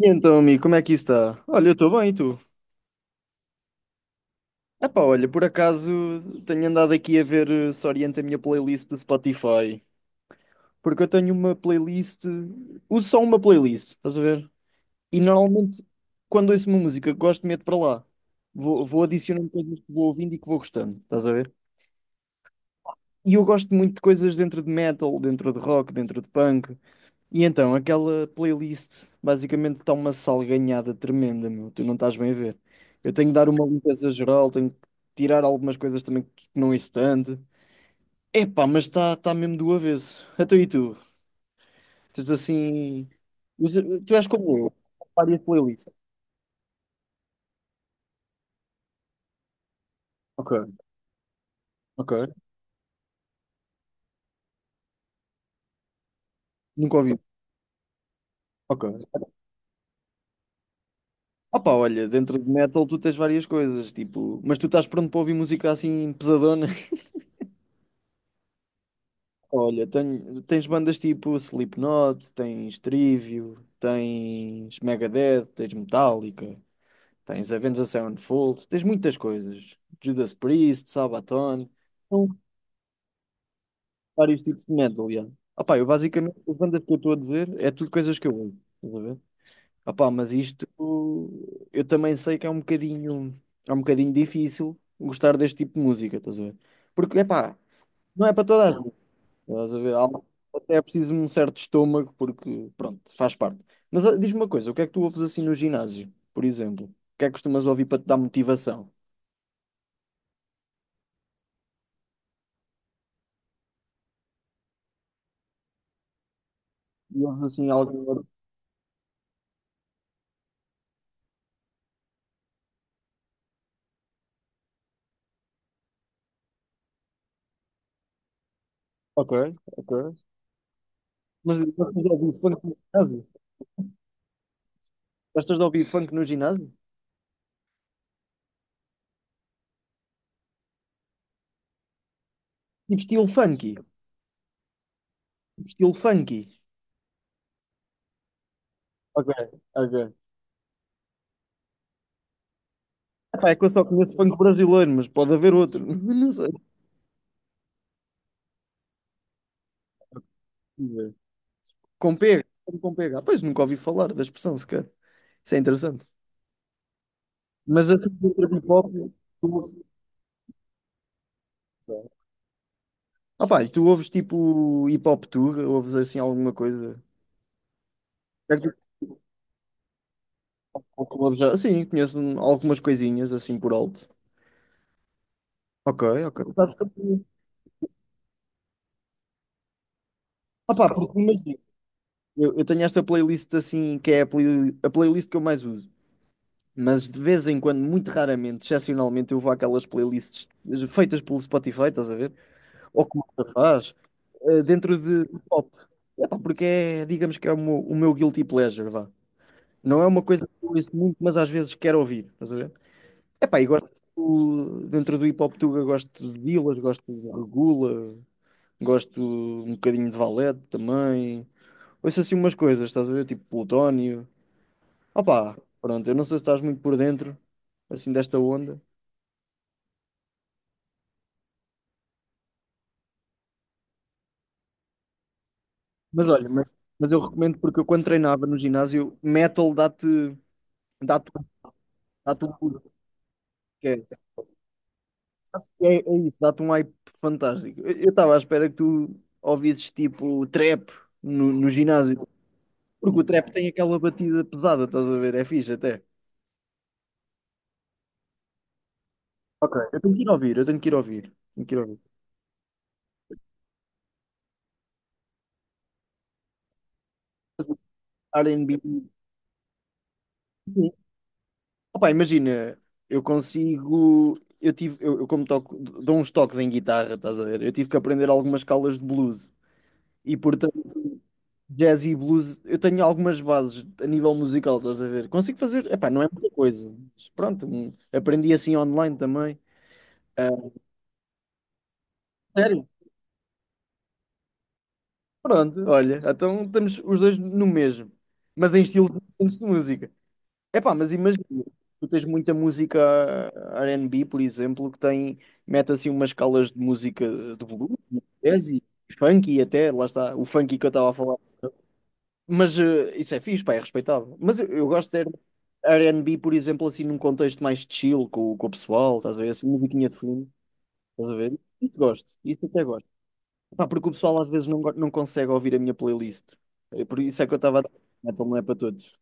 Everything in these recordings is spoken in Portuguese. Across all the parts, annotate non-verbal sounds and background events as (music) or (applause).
E então, amigo, como é que isso está? Olha, eu estou bem, e tu? Epá, olha, por acaso tenho andado aqui a ver se orienta a minha playlist do Spotify. Porque eu tenho uma playlist, uso só uma playlist, estás a ver? E normalmente, quando ouço uma música que gosto, meto para lá. Vou adicionando coisas que vou ouvindo e que vou gostando, estás a ver? E eu gosto muito de coisas dentro de metal, dentro de rock, dentro de punk. E então, aquela playlist basicamente está uma salganhada tremenda, meu. Tu não estás bem a ver. Eu tenho que dar uma limpeza geral, tenho que tirar algumas coisas também que não é tanto. Epá, mas está tá mesmo do avesso. Até e tu? Tens assim. Tu és como eu, várias playlists. Ok, ok. Nunca ouvi. Ok. Opa, olha, dentro de metal tu tens várias coisas, tipo, mas tu estás pronto para ouvir música assim pesadona? Olha, tens bandas tipo Slipknot, tens Trivium, tens Megadeth, tens Metallica, tens Avenged Sevenfold, tens muitas coisas. Judas Priest, Sabaton, são vários tipos de metal, aliás. Ah pá, eu basicamente, as bandas que eu estou a dizer, é tudo coisas que eu ouço, estás a ver? Ah pá, mas isto, eu também sei que é um bocadinho difícil gostar deste tipo de música, estás a ver? Porque, é pá, não é para toda a gente. Estás a ver? Até é preciso um certo estômago, porque, pronto, faz parte. Mas ó, diz-me uma coisa, o que é que tu ouves assim no ginásio, por exemplo? O que é que costumas ouvir para te dar motivação? E ouves assim algo. Ok, ok. Mas gostas de ouvir funk no ginásio? Gostas de ouvir funk no ginásio? Tipo estilo funky. Tipo estilo funky. Ok, ok. Epá, é que eu só conheço funk brasileiro, mas pode haver outro. (laughs) Não sei. Com pega. Com pega. Ah, pois nunca ouvi falar da expressão sequer. Isso é interessante. Mas assim, entre hip hop, tu ouves ah pá, e tu ouves tipo hip hop tour? Ouves assim alguma coisa? É que tu- Ou clubes já? Sim, conheço algumas coisinhas assim por alto. Ok, ok. Sabes que eu- Ah pá, porque imagina, eu tenho esta playlist assim, que é a playlist que eu mais uso. Mas de vez em quando, muito raramente, excepcionalmente, eu vou àquelas playlists feitas pelo Spotify, estás a ver? Ou como faz, dentro de pop. É pá, porque é, digamos que é o meu guilty pleasure, vá. Não é uma coisa que eu ouço muito, mas às vezes quero ouvir, estás a ver? Epá, e gosto dentro do hip hop tuga, gosto de Dillaz, gosto de Regula, gosto um bocadinho de Valete também. Ouço assim umas coisas, estás a ver? Tipo Plutónio. Opá, pronto, eu não sei se estás muito por dentro assim desta onda. Mas olha, mas eu recomendo porque eu quando treinava no ginásio, metal dá-te dá-te um boost, que é isso, dá-te um hype fantástico. Eu estava à espera que tu ouvisses tipo trap no ginásio. Porque o trap tem aquela batida pesada, estás a ver? É fixe até. Ok, eu tenho que ir ouvir, eu tenho que ir ouvir. Tenho que ir ouvir. Mas o R&B. Sim. Opa, imagina, eu consigo. Eu como toco, dou uns toques em guitarra, estás a ver? Eu tive que aprender algumas escalas de blues. E portanto, jazz e blues, eu tenho algumas bases a nível musical, estás a ver? Consigo fazer, epá, não é muita coisa. Mas pronto, aprendi assim online também. Ah, Sério? Pronto, olha, então estamos os dois no mesmo, mas em estilos diferentes de música. Epá, mas imagina, tu tens muita música R&B, por exemplo, que tem, mete assim umas escalas de música de blues, e jazz e funky até, lá está, o funk que eu estava a falar. Mas isso é fixe, pá, é respeitável. Mas eu gosto de ter R&B, por exemplo, assim num contexto mais chill com o pessoal, estás a ver, assim, musiquinha de fundo, estás a ver? Isso gosto, isso até gosto. Pá, porque o pessoal às vezes não consegue ouvir a minha playlist. É por isso é que eu estava a dizer, metal não é para todos.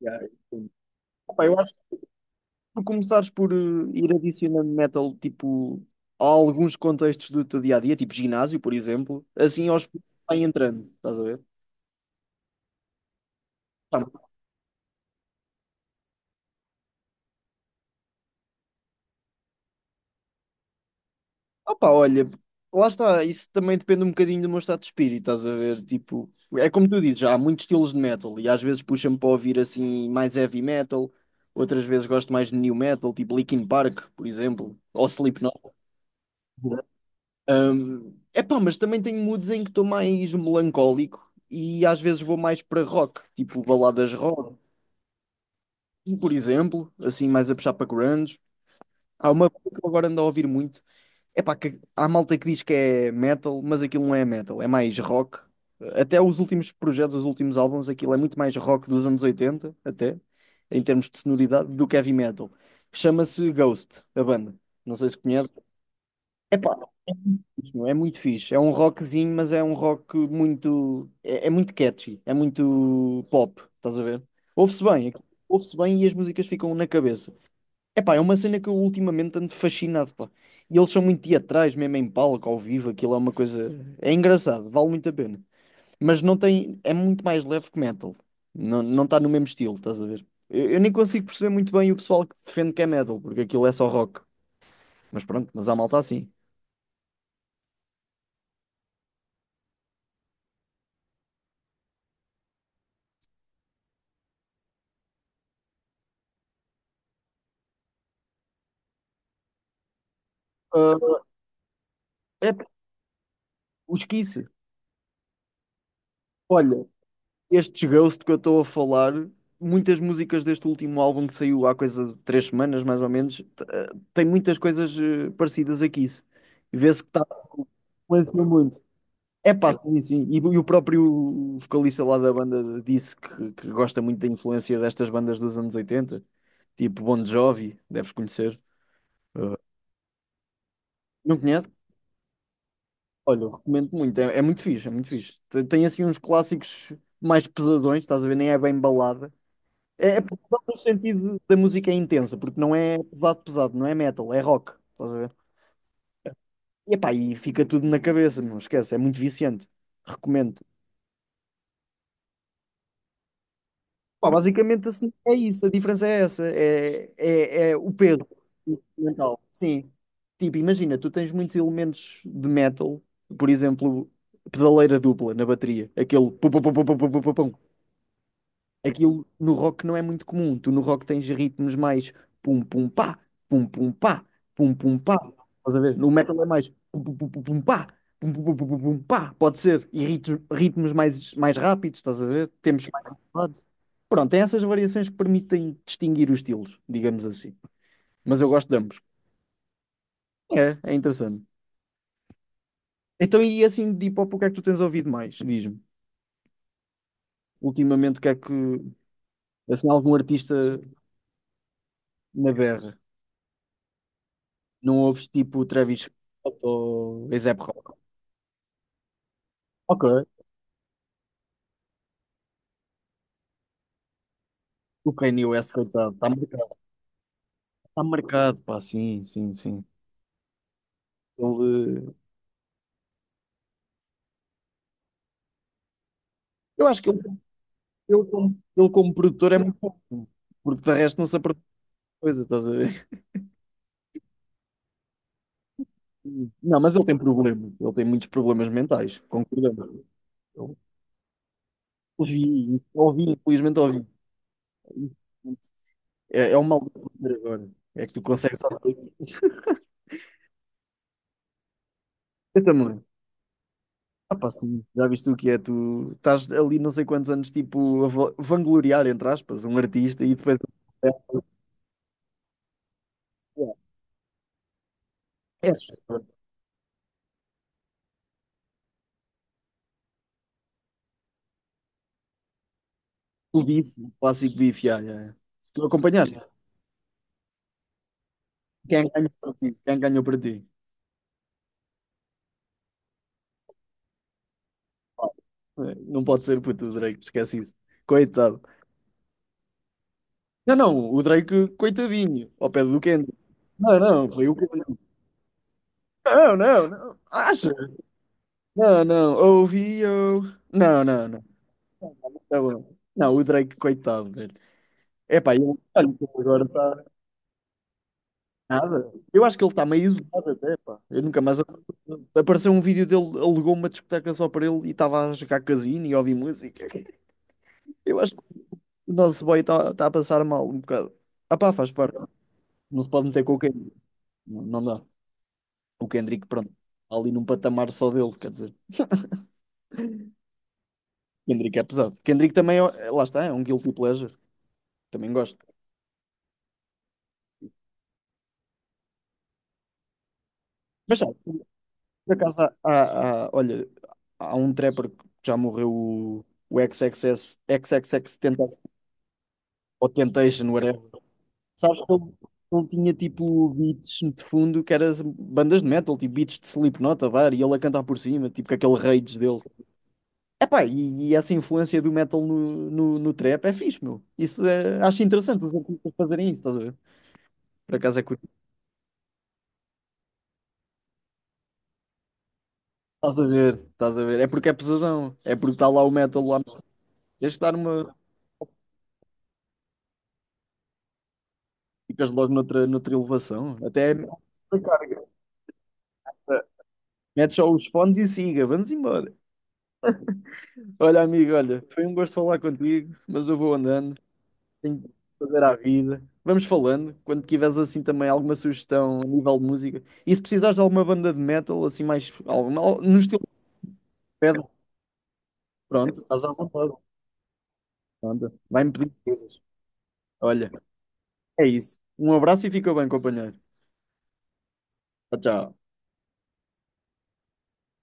Yeah, sim. Pá, eu acho que tu começares por ir adicionando metal tipo a alguns contextos do teu dia a dia, tipo ginásio, por exemplo, assim aos poucos vai entrando, estás a ver? Pá, opa, olha, lá está, isso também depende um bocadinho do meu estado de espírito, estás a ver? Tipo, é como tu dizes, há muitos estilos de metal e às vezes puxa-me para ouvir assim mais heavy metal, outras vezes gosto mais de new metal, tipo Linkin Park, por exemplo, ou Slipknot. Epá, mas também tenho moods em que estou mais melancólico e às vezes vou mais para rock, tipo baladas rock, por exemplo, assim mais a puxar para grunge. Há uma banda que eu agora ando a ouvir muito, epá, que há malta que diz que é metal, mas aquilo não é metal, é mais rock. Até os últimos projetos, os últimos álbuns, aquilo é muito mais rock dos anos 80, até, em termos de sonoridade, do que heavy metal. Chama-se Ghost, a banda. Não sei se conhece. Epá, não, é muito fixe. É um rockzinho, mas é um rock muito. É muito catchy, é muito pop, estás a ver? Ouve-se bem, ouve-se bem e as músicas ficam na cabeça. Epá, é uma cena que eu ultimamente ando fascinado, pá. E eles são muito teatrais, mesmo em palco, ao vivo, aquilo é uma coisa. É engraçado, vale muito a pena. Mas não tem. É muito mais leve que metal. Não, não está no mesmo estilo, estás a ver? Eu nem consigo perceber muito bem o pessoal que defende que é metal, porque aquilo é só rock. Mas pronto, mas há malta assim. Ah, é, os Kiss. Olha, estes Ghost que eu estou a falar, muitas músicas deste último álbum que saiu há coisa de três semanas, mais ou menos, tem muitas coisas parecidas a isso. Vê-se que está influenciou muito. É pá, sim, sim. E o próprio vocalista lá da banda disse que, gosta muito da influência destas bandas dos anos 80, tipo Bon Jovi, deves conhecer. Eh, Não conhece? Olha, eu recomendo muito. É muito fixe, é muito fixe. Tem assim uns clássicos mais pesadões, estás a ver? Nem é bem balada. É pesado no sentido da música é intensa, porque não é pesado, pesado, não é metal, é rock. Estás a ver? Epá, e fica tudo na cabeça, não esquece, é muito viciante. Recomendo. Pá, basicamente assim, é isso, a diferença é essa, é o peso mental. Sim. Tipo, imagina, tu tens muitos elementos de metal, por exemplo, pedaleira dupla na bateria, aquele pum, pum, pum, pum, pum, pum, pum, pum, pum. Aquilo no rock não é muito comum. Tu no rock tens ritmos mais pum pum pá, pum pum pá, pum pum pá. Estás a ver? No metal é mais pum pum pum pum pum, pá, pum pum pum pum pum, pum, pá, pode ser. E ritmos mais rápidos, estás a ver? Tempos mais elevados. Pronto, tem essas variações que permitem distinguir os estilos, digamos assim. Mas eu gosto de ambos. É interessante. Então, e assim de hip hop, o que é que tu tens ouvido mais? Diz-me. Ultimamente, o que é que. Assim, algum artista na berra? Não ouves tipo o Travis Scott ou A$AP Rock? Ok. O Kanye West, coitado, está marcado. Está marcado, pá, sim, sim, sim. Ele, eu acho que ele como produtor é muito bom, porque de resto não se aprende coisa, estás a ver? (laughs) Não, mas ele tem problemas, ele tem muitos problemas mentais, concordamos. Eu ouvi, infelizmente ouvi. É um mal de produtor agora, é que tu consegues só. Eu também. Ah, pá, sim, já viste o que é? Tu estás ali não sei quantos anos, tipo, a vangloriar, entre aspas, um artista e depois. É, é assustador. O bife, o clássico bife, já, já, já. Tu acompanhaste? Quem ganhou para ti? Quem ganhou para ti? Pá, não pode ser puto o Drake, esquece isso. Coitado. Não, não, o Drake, coitadinho, ao pé do Kendrick. Não, não, foi o Kendrick. Não, não, não. Acha? Não, não, ouvi eu. Não, não, não. Tá bom. Não, o Drake, coitado, velho. Epá, eu, olha, como agora está nada. Eu acho que ele está meio isolado até, pá. Eu nunca mais. Apareceu um vídeo dele, alugou uma discoteca só para ele e estava a jogar casino e a ouvir música. Eu acho que o nosso boy está a passar mal um bocado. Ah pá, faz parte. Não se pode meter com o Kendrick. Não, não dá. O Kendrick, pronto, está ali num patamar só dele, quer dizer. Kendrick é pesado. Kendrick também, lá está, é um guilty pleasure. Também gosto. Mas sabe? Por acaso, olha, há um trapper que já morreu, o XXS, XXX Tentacion, ou Temptation, whatever. Sabes que ele tinha tipo beats de fundo que era bandas de metal, tipo beats de Slipknot a dar e ele a cantar por cima, tipo com aquele rage dele. Epá, e essa influência do metal no trap é fixe, meu. Isso é, acho interessante os artistas fazerem isso, estás a ver? Por acaso é curioso. Estás a ver, estás a ver. É porque é pesadão, é porque está lá o metal lá. Tens que dar uma. Ficas logo noutra elevação. Até é a carga. Mete só os fones e siga. Vamos embora. Olha, amigo, olha, foi um gosto falar contigo, mas eu vou andando. Tenho que fazer à vida. Vamos falando. Quando tiveres assim também alguma sugestão a nível de música. E se precisares de alguma banda de metal, assim mais. No estilo de pedra, pronto, estás à vontade. Pronto. Vai-me pedir coisas. Olha, é isso. Um abraço e fica bem, companheiro. Tchau, tchau.